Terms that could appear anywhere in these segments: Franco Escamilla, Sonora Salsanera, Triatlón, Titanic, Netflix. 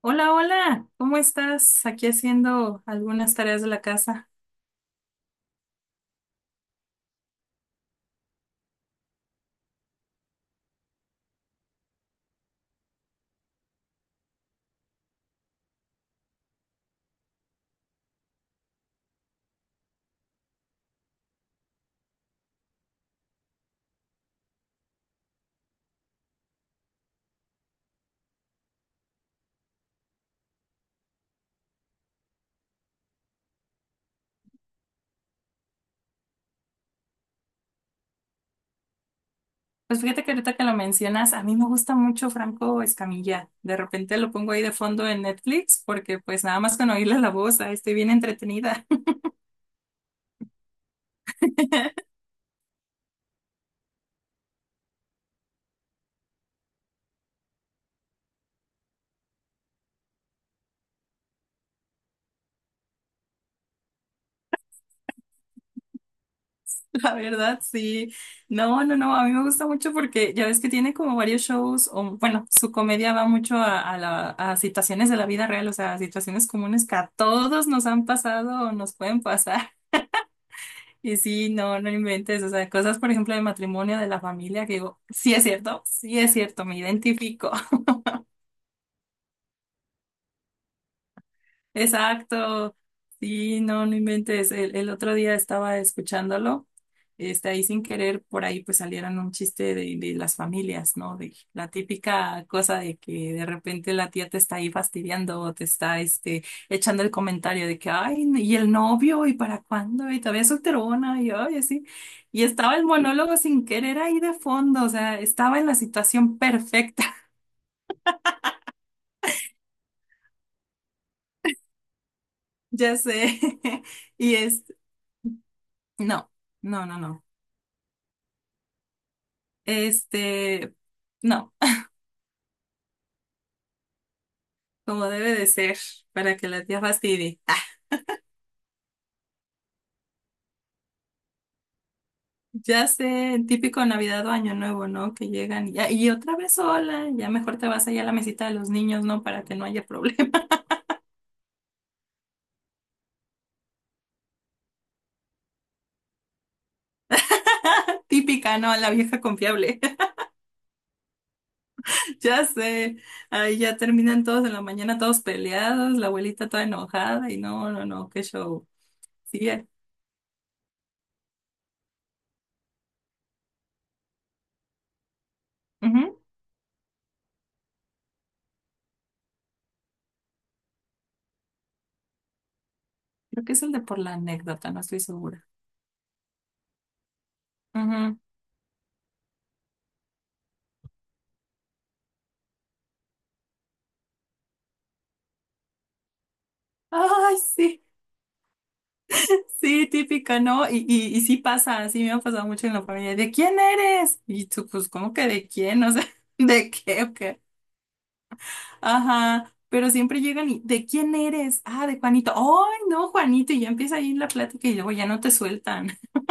Hola, hola, ¿cómo estás? Aquí haciendo algunas tareas de la casa. Pues fíjate que ahorita que lo mencionas, a mí me gusta mucho Franco Escamilla. De repente lo pongo ahí de fondo en Netflix porque pues nada más con oírle la voz, ahí estoy bien entretenida. La verdad, sí. No, no, no, a mí me gusta mucho porque ya ves que tiene como varios shows, o bueno, su comedia va mucho a situaciones de la vida real, o sea, a situaciones comunes que a todos nos han pasado o nos pueden pasar. Y sí, no, no inventes, o sea, cosas, por ejemplo, de matrimonio, de la familia, que digo, sí es cierto, me identifico. Exacto. Sí, no, no inventes. El otro día estaba escuchándolo, este, ahí sin querer, por ahí pues salieron un chiste de las familias, ¿no? De la típica cosa de que de repente la tía te está ahí fastidiando o te está, este, echando el comentario de que, ay, y el novio, ¿y para cuándo? Y todavía es solterona, y ay, así. Y estaba el monólogo sin querer ahí de fondo, o sea, estaba en la situación perfecta. Ya sé. Y es, no. No, no, no. Este, no, como debe de ser, para que la tía fastidie. Ya sé, el típico Navidad o Año Nuevo, ¿no? Que llegan y otra vez sola, ya mejor te vas allá a la mesita de los niños, ¿no? Para que no haya problema. Típica, ¿no? La vieja confiable. Ya sé, ahí ya terminan todos en la mañana, todos peleados, la abuelita toda enojada y no, no, no, qué show. Sí. Ujú. Creo que es el de por la anécdota, no estoy segura. Ujú. Ay, sí. Sí, típica, ¿no? Y sí pasa, sí me ha pasado mucho en la familia. ¿De quién eres? Y tú, pues, ¿cómo que de quién? O sea, ¿de qué o qué? Ajá, pero siempre llegan y, ¿de quién eres? Ah, de Juanito. ¡Ay, no, Juanito! Y ya empieza ahí la plática y luego ya no te sueltan.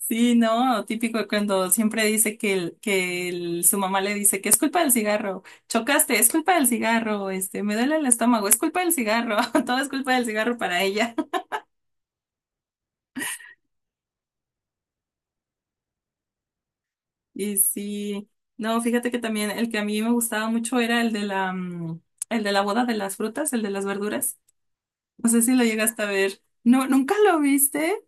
Sí, no, típico cuando siempre dice que su mamá le dice que es culpa del cigarro, chocaste, es culpa del cigarro, este, me duele el estómago, es culpa del cigarro, todo es culpa del cigarro para ella. Y sí, no, fíjate que también el que a mí me gustaba mucho era el de la boda de las frutas, el de las verduras. No sé si lo llegaste a ver. No, ¿nunca lo viste?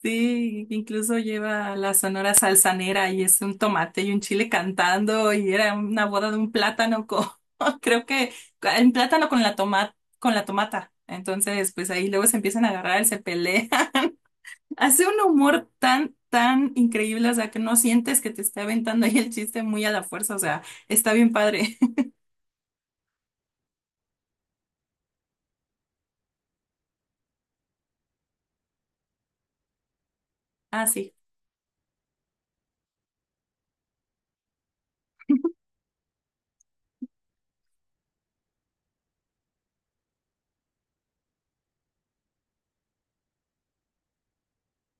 Sí, incluso lleva la sonora salsanera y es un tomate y un chile cantando y era una boda de un plátano con, creo que un plátano con la tomata. Entonces, pues ahí luego se empiezan a agarrar, se pelean. Hace un humor tan, tan increíble, o sea, que no sientes que te esté aventando ahí el chiste muy a la fuerza, o sea, está bien padre. Ah, sí.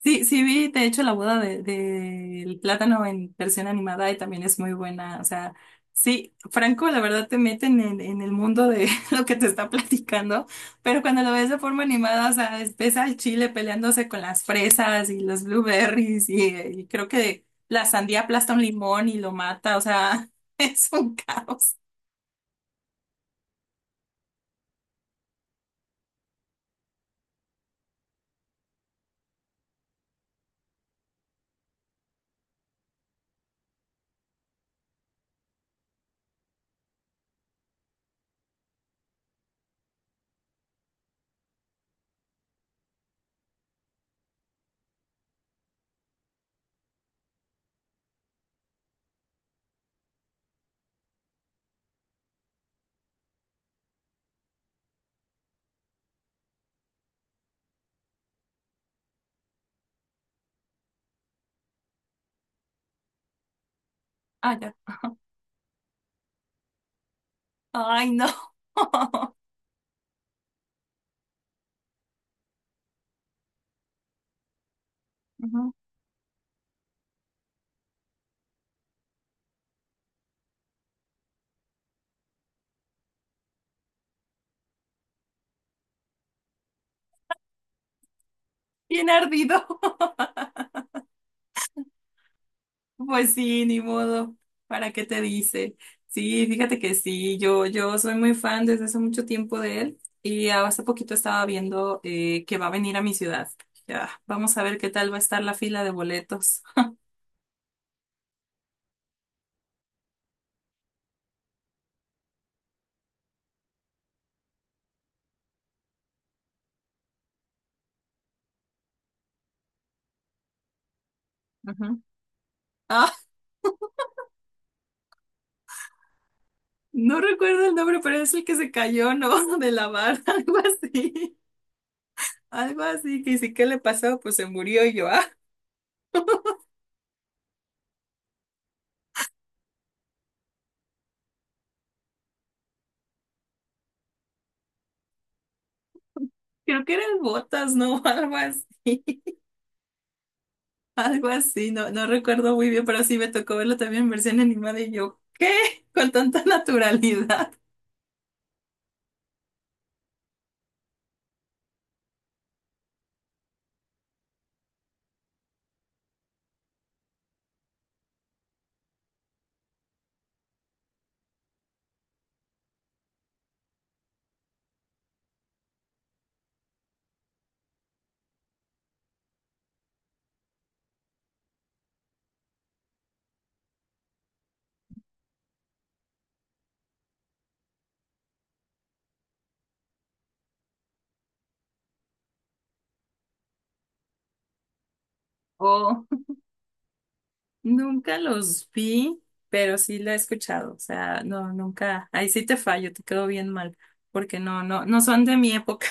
Sí, sí vi, de hecho, la boda del plátano en versión animada y también es muy buena, o sea, sí, Franco, la verdad te meten en el mundo de lo que te está platicando, pero cuando lo ves de forma animada, o sea, ves al chile peleándose con las fresas y los blueberries y creo que la sandía aplasta un limón y lo mata, o sea, es un caos. Ah, ya. Ay, no. Ujú. Bien ardido. Pues sí, ni modo. ¿Para qué te dice? Sí, fíjate que sí, yo soy muy fan desde hace mucho tiempo de él y hace poquito estaba viendo que va a venir a mi ciudad. Ya, vamos a ver qué tal va a estar la fila de boletos. Ujú. Ah, no recuerdo el nombre, pero es el que se cayó, ¿no? De la barra, algo así. Algo así, que sí, ¿qué le pasó? Pues se murió y yo, ah, creo que era el Botas, ¿no? Algo así. Algo así, no, no recuerdo muy bien, pero sí me tocó verlo también en versión animada y yo, ¿qué? Con tanta naturalidad. Oh, nunca los vi, pero sí la he escuchado. O sea, no, nunca. Ahí sí te fallo, te quedo bien mal, porque no, no, no son de mi época.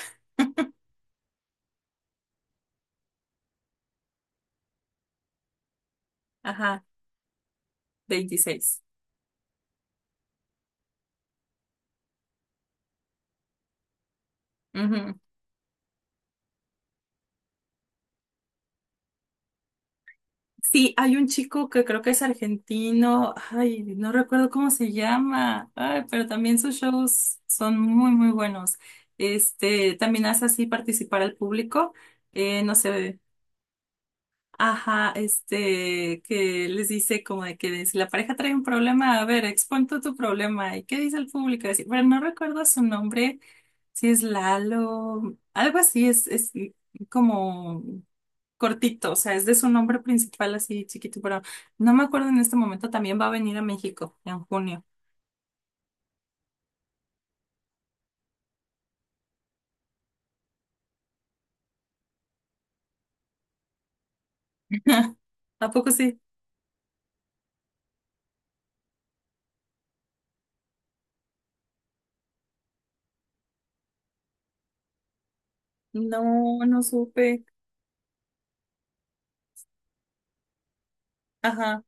Ajá, 26. Sí, hay un chico que creo que es argentino, ay, no recuerdo cómo se llama, ay, pero también sus shows son muy, muy buenos. Este, también hace así participar al público, no sé. Ajá, este, que les dice como de que si la pareja trae un problema, a ver, expon tú tu problema. ¿Y qué dice el público? Así, pero no recuerdo su nombre, si es Lalo, algo así, es como cortito, o sea, es de su nombre principal así chiquito, pero no me acuerdo en este momento, también va a venir a México en junio. ¿A poco sí? No, no supe. Ajá,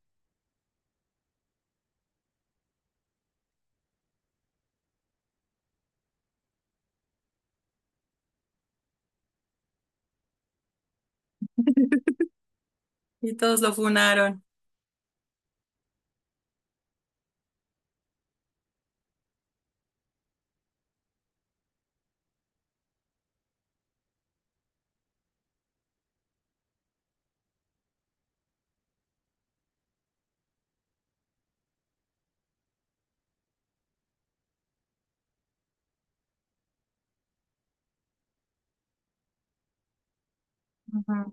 y todos lo funaron. Ajá.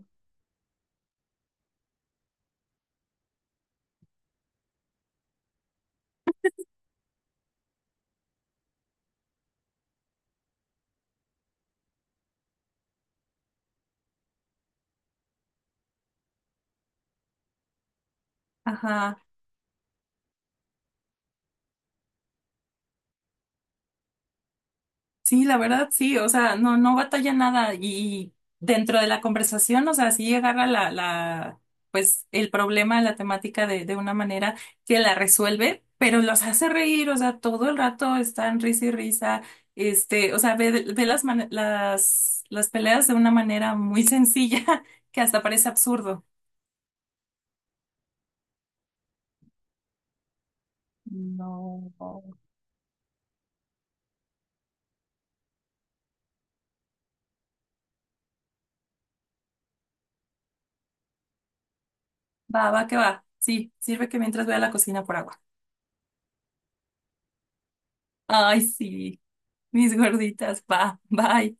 Ajá. Sí, la verdad, sí, o sea, no, no batalla nada y dentro de la conversación, o sea, sí agarra pues el problema, la temática de una manera que la resuelve, pero los hace reír, o sea, todo el rato están risa y risa, este, o sea, ve, las peleas de una manera muy sencilla que hasta parece absurdo. No. Va, va, que va. Sí, sirve que mientras voy a la cocina por agua. Ay, sí, mis gorditas, va, bye.